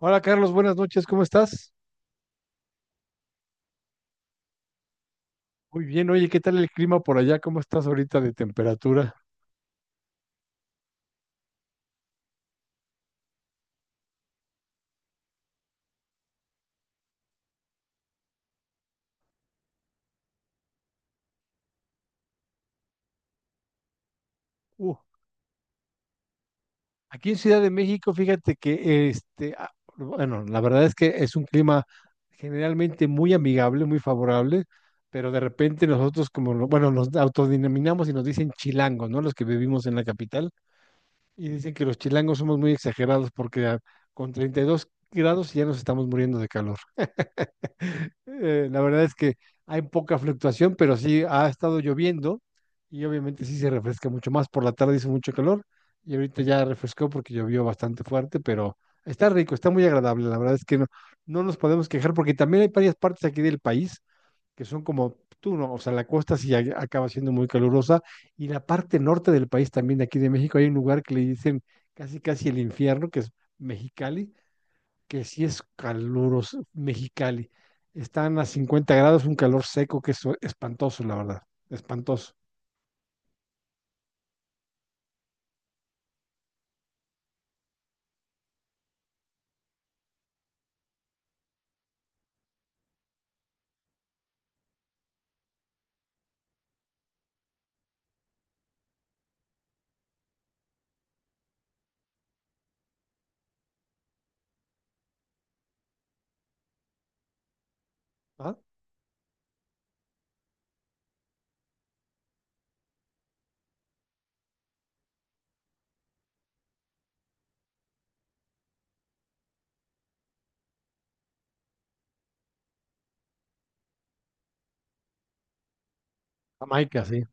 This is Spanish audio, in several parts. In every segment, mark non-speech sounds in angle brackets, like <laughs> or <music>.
Hola Carlos, buenas noches, ¿cómo estás? Muy bien, oye, ¿qué tal el clima por allá? ¿Cómo estás ahorita de temperatura? Uh, Aquí en Ciudad de México, fíjate que este, bueno, la verdad es que es un clima generalmente muy amigable, muy favorable, pero de repente nosotros como, bueno, nos autodenominamos y nos dicen chilangos, ¿no? Los que vivimos en la capital, y dicen que los chilangos somos muy exagerados porque con 32 grados ya nos estamos muriendo de calor. La verdad es que hay poca fluctuación, pero sí ha estado lloviendo y obviamente sí se refresca mucho más. Por la tarde hizo mucho calor y ahorita ya refrescó porque llovió bastante fuerte, pero está rico, está muy agradable. La verdad es que no, no nos podemos quejar porque también hay varias partes aquí del país que son como tú, ¿no? O sea, la costa sí acaba siendo muy calurosa y la parte norte del país también de aquí de México hay un lugar que le dicen casi casi el infierno, que es Mexicali, que sí es caluroso, Mexicali. Están a 50 grados, un calor seco que es espantoso, la verdad, espantoso. ¿Ah? Jamaica, sí.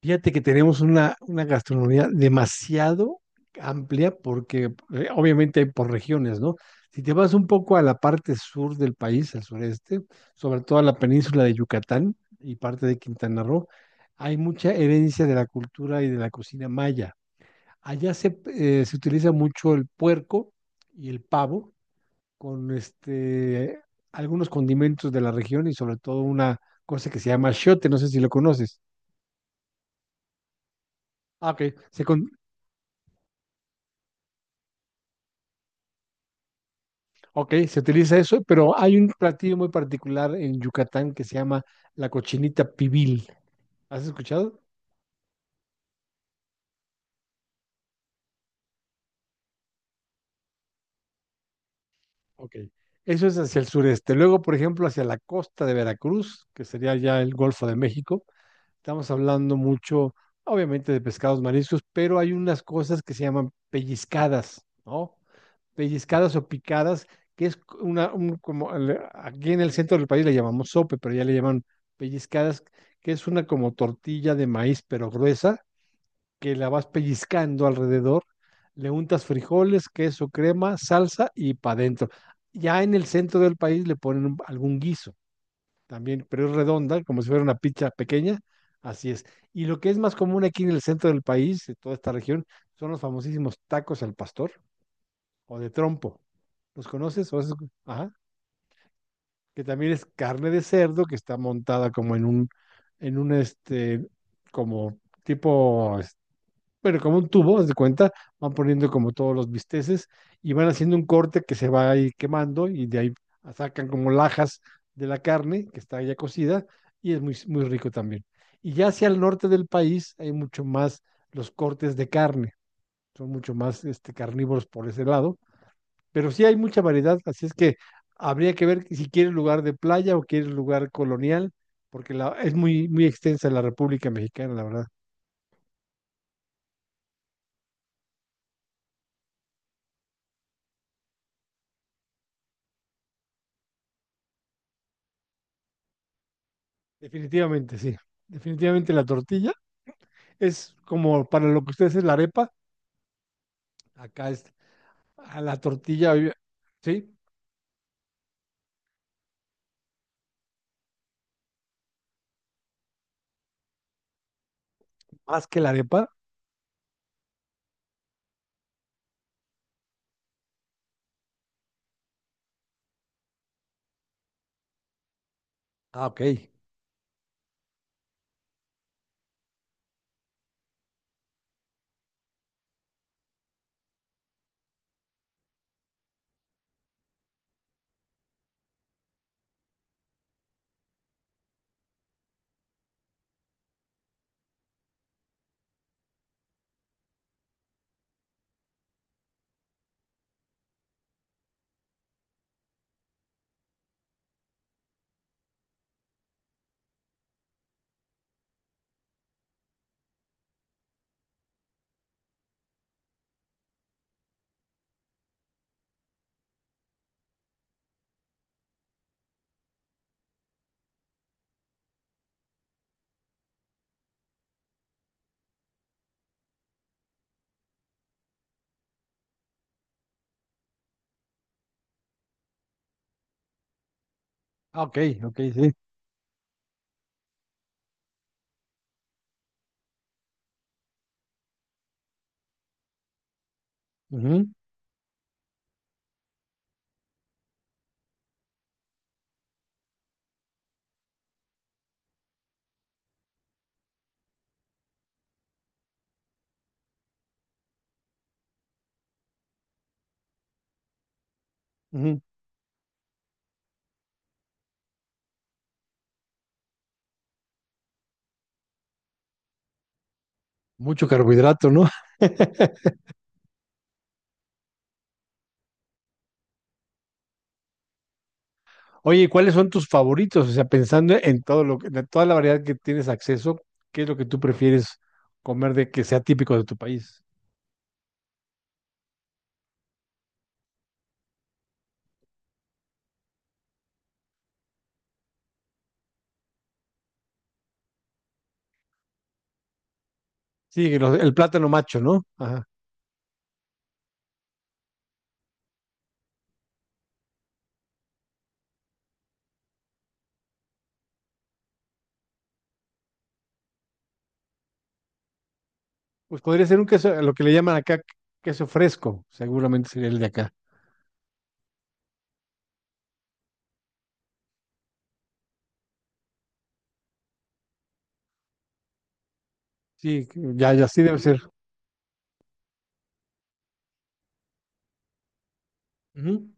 Fíjate que tenemos una gastronomía demasiado amplia porque obviamente hay por regiones, ¿no? Si te vas un poco a la parte sur del país, al sureste, sobre todo a la península de Yucatán y parte de Quintana Roo, hay mucha herencia de la cultura y de la cocina maya. Allá se utiliza mucho el puerco y el pavo con este, algunos condimentos de la región y sobre todo una cosa que se llama achiote, no sé si lo conoces. Ah, ok, se, con- ok, se utiliza eso, pero hay un platillo muy particular en Yucatán que se llama la cochinita pibil. ¿Has escuchado? Ok, eso es hacia el sureste. Luego, por ejemplo, hacia la costa de Veracruz, que sería ya el Golfo de México. Estamos hablando mucho, obviamente, de pescados mariscos, pero hay unas cosas que se llaman pellizcadas, ¿no? Pellizcadas o picadas, que es una, un- como al- aquí en el centro del país le llamamos sope, pero ya le llaman pellizcadas, que es una como tortilla de maíz, pero gruesa, que la vas pellizcando alrededor, le untas frijoles, queso, crema, salsa y para adentro. Ya en el centro del país le ponen algún guiso también, pero es redonda, como si fuera una pizza pequeña. Así es. Y lo que es más común aquí en el centro del país, de toda esta región, son los famosísimos tacos al pastor o de trompo. ¿Los conoces? Ajá. Que también es carne de cerdo que está montada como en un este, como tipo pero como un tubo, haz de cuenta, van poniendo como todos los bisteces y van haciendo un corte que se va ahí quemando y de ahí sacan como lajas de la carne que está ya cocida y es muy, muy rico también. Y ya hacia el norte del país hay mucho más los cortes de carne, son mucho más este, carnívoros por ese lado, pero sí hay mucha variedad, así es que habría que ver si quieres lugar de playa o quieres lugar colonial, porque la, es muy, muy extensa la República Mexicana, la verdad. Definitivamente, sí. Definitivamente la tortilla es como para lo que ustedes es la arepa. Acá es a la tortilla, ¿sí? Más que la arepa. Ah, ok. Ah, ok, ok, sí. Ujú, ujú. Mucho carbohidrato, ¿no? <laughs> Oye, ¿cuáles son tus favoritos? O sea, pensando en todo lo que, de toda la variedad que tienes acceso, ¿qué es lo que tú prefieres comer de que sea típico de tu país? Sí, el plátano macho, ¿no? Ajá. Pues podría ser un queso, lo que le llaman acá queso fresco, seguramente sería el de acá. Sí, ya, ya sí debe ser. Ujú.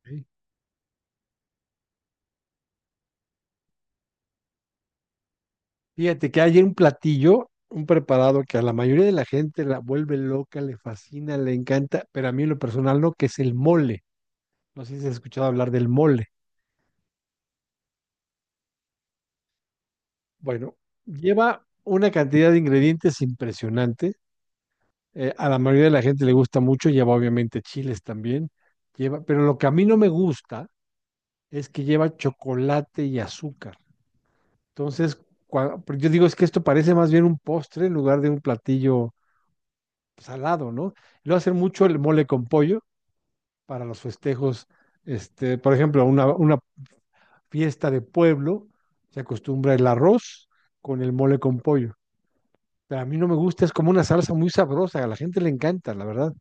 Ok. Fíjate que hay un platillo, un preparado que a la mayoría de la gente la vuelve loca, le fascina, le encanta, pero a mí en lo personal no, que es el mole. No sé si has escuchado hablar del mole. Bueno, lleva una cantidad de ingredientes impresionante. A la mayoría de la gente le gusta mucho, lleva obviamente chiles también. Lleva, pero lo que a mí no me gusta es que lleva chocolate y azúcar. Entonces, porque yo digo, es que esto parece más bien un postre en lugar de un platillo salado, ¿no? Luego hacer mucho el mole con pollo para los festejos, este, por ejemplo, una fiesta de pueblo se acostumbra el arroz con el mole con pollo. Pero a mí no me gusta, es como una salsa muy sabrosa, a la gente le encanta, la verdad.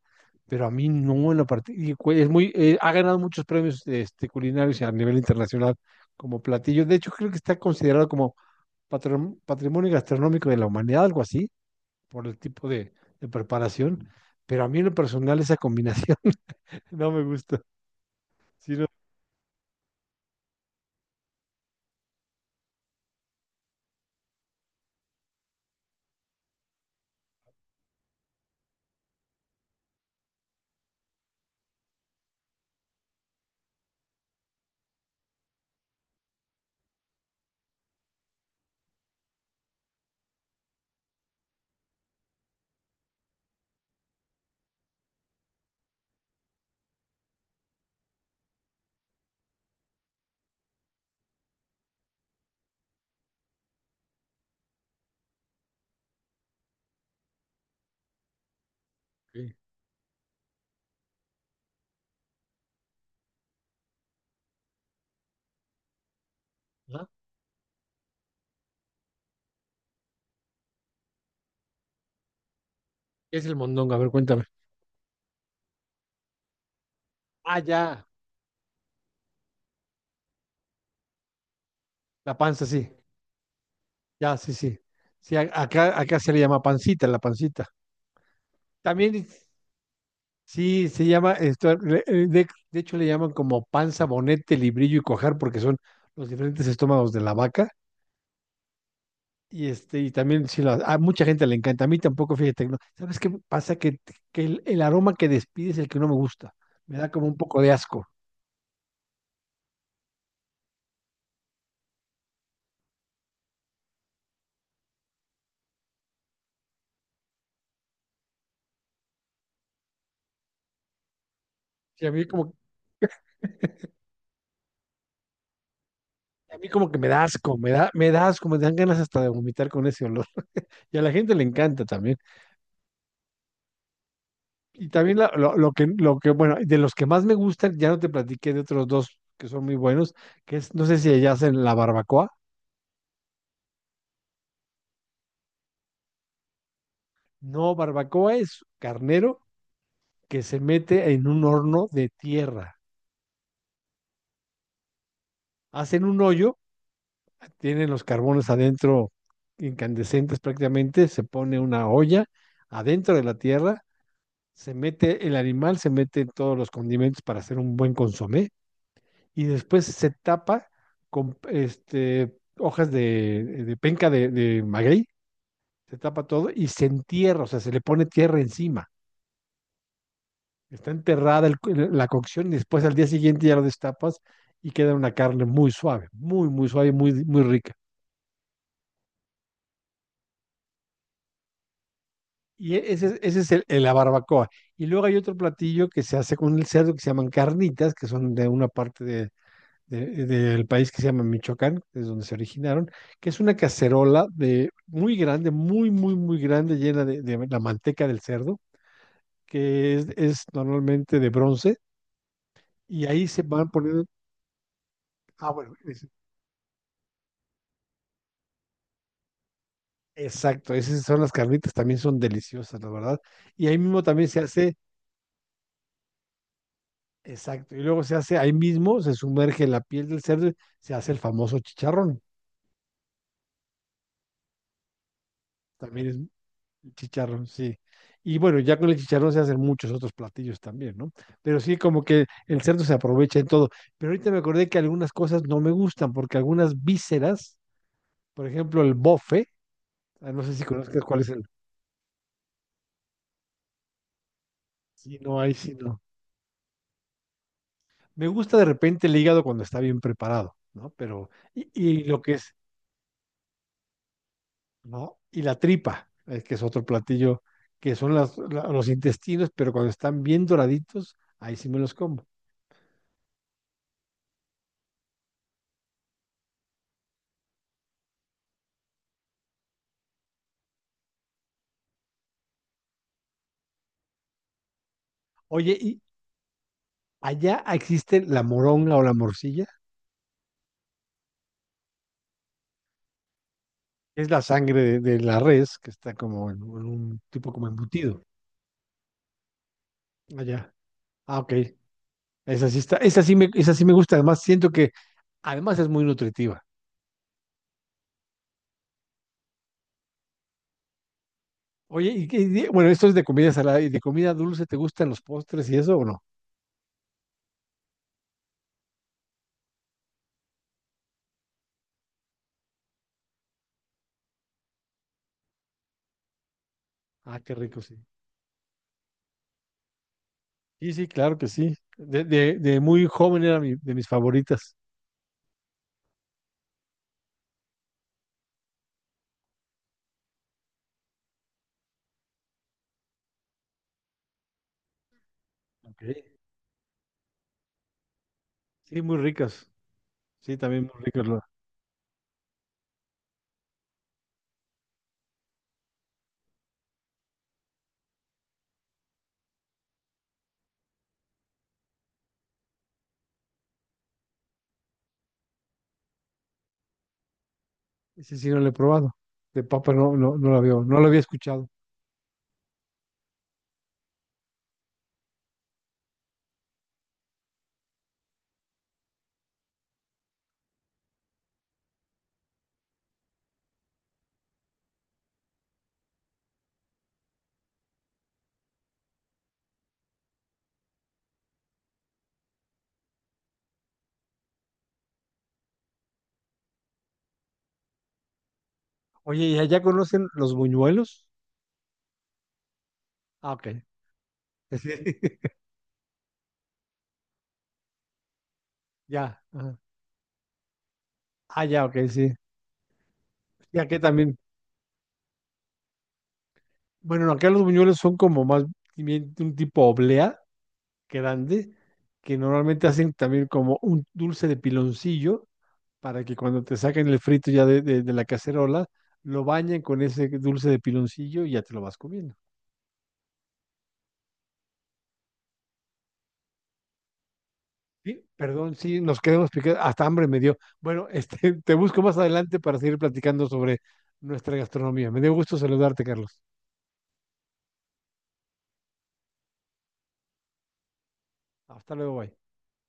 Pero a mí no en la parte, es muy, ha ganado muchos premios este, culinarios a nivel internacional como platillo. De hecho, creo que está considerado como patrimonio gastronómico de la humanidad, algo así, por el tipo de preparación. Pero a mí en lo personal esa combinación no me gusta. Sí, no. Ok. Ajá. ¿Qué es el mondongo? A ver, cuéntame. Ah, ya. La panza, sí. Ya, sí, sí. Sí, acá, acá se le llama pancita, la pancita. También, sí, se llama, esto, de hecho le llaman como panza, bonete, librillo y cojar, porque son los diferentes estómagos de la vaca. Y este, y también sí, a mucha gente le encanta. A mí tampoco, fíjate, no. ¿Sabes qué pasa? Que el aroma que despide es el que no me gusta. Me da como un poco de asco. Sí, a mí como que me da asco, me da asco, me dan ganas hasta de vomitar con ese olor. Y a la gente le encanta también. Y también bueno, de los que más me gustan, ya no te platiqué de otros dos que son muy buenos, que es, no sé si allá hacen la barbacoa. No, barbacoa es carnero que se mete en un horno de tierra. Hacen un hoyo, tienen los carbones adentro incandescentes prácticamente, se pone una olla adentro de la tierra, se mete el animal, se mete todos los condimentos para hacer un buen consomé y después se tapa con este, hojas de penca maguey, se tapa todo y se entierra, o sea, se le pone tierra encima. Está enterrada el, la cocción y después al día siguiente ya lo destapas y queda una carne muy suave, muy, muy suave, muy, muy rica. Ese es el, la barbacoa. Y luego hay otro platillo que se hace con el cerdo que se llaman carnitas, que son de una parte del país que se llama Michoacán, es donde se originaron, que es una cacerola de muy grande, muy, muy, muy grande, llena de la manteca del cerdo, que es normalmente de bronce, y ahí se van poniendo, ah, exacto, esas son las carnitas, también son deliciosas, la verdad, y ahí mismo también se hace, exacto, y luego se hace, ahí mismo se sumerge la piel del cerdo, y se hace el famoso chicharrón, también es chicharrón, sí. Y bueno, ya con el chicharrón se hacen muchos otros platillos también, ¿no? Pero sí, como que el cerdo se aprovecha en todo. Pero ahorita me acordé que algunas cosas no me gustan, porque algunas vísceras, por ejemplo, el bofe, ah, no sé si conozcas cuál es el. Sí, no, ahí sí no. Me gusta de repente el hígado cuando está bien preparado, ¿no? Pero, lo que es, ¿no? La tripa, que es otro platillo, que son las, los intestinos, pero cuando están bien doraditos, ahí sí me los como. Oye, allá existe la moronga o la morcilla, es la sangre de la res que está como en un tipo como embutido. Allá. Ah, ok. Esa sí está, esa sí me gusta. Además, siento que además es muy nutritiva. Oye, bueno, esto es de comida salada y de comida dulce, ¿te gustan los postres y eso o no? Ah, qué rico, sí. Sí, sí, claro que sí. De muy joven de mis favoritas. Ok. Sí, muy ricas. Sí, también muy ricas. Ese sí no lo he probado. De papa no, no, no lo había, no lo había escuchado. Oye, ¿y allá conocen los buñuelos? Ah, ok. Sí, <laughs> ya. Ajá. Ah, ya, ok, sí. Y aquí también. Bueno, acá los buñuelos son como más bien un tipo oblea grande, que normalmente hacen también como un dulce de piloncillo para que cuando te saquen el frito ya de la cacerola, lo bañen con ese dulce de piloncillo y ya te lo vas comiendo. Sí, perdón, sí, nos quedamos picados. Hasta hambre me dio. Bueno, <laughs> este, te busco más adelante para seguir platicando sobre nuestra gastronomía. Me dio gusto saludarte, Carlos. Hasta luego, bye.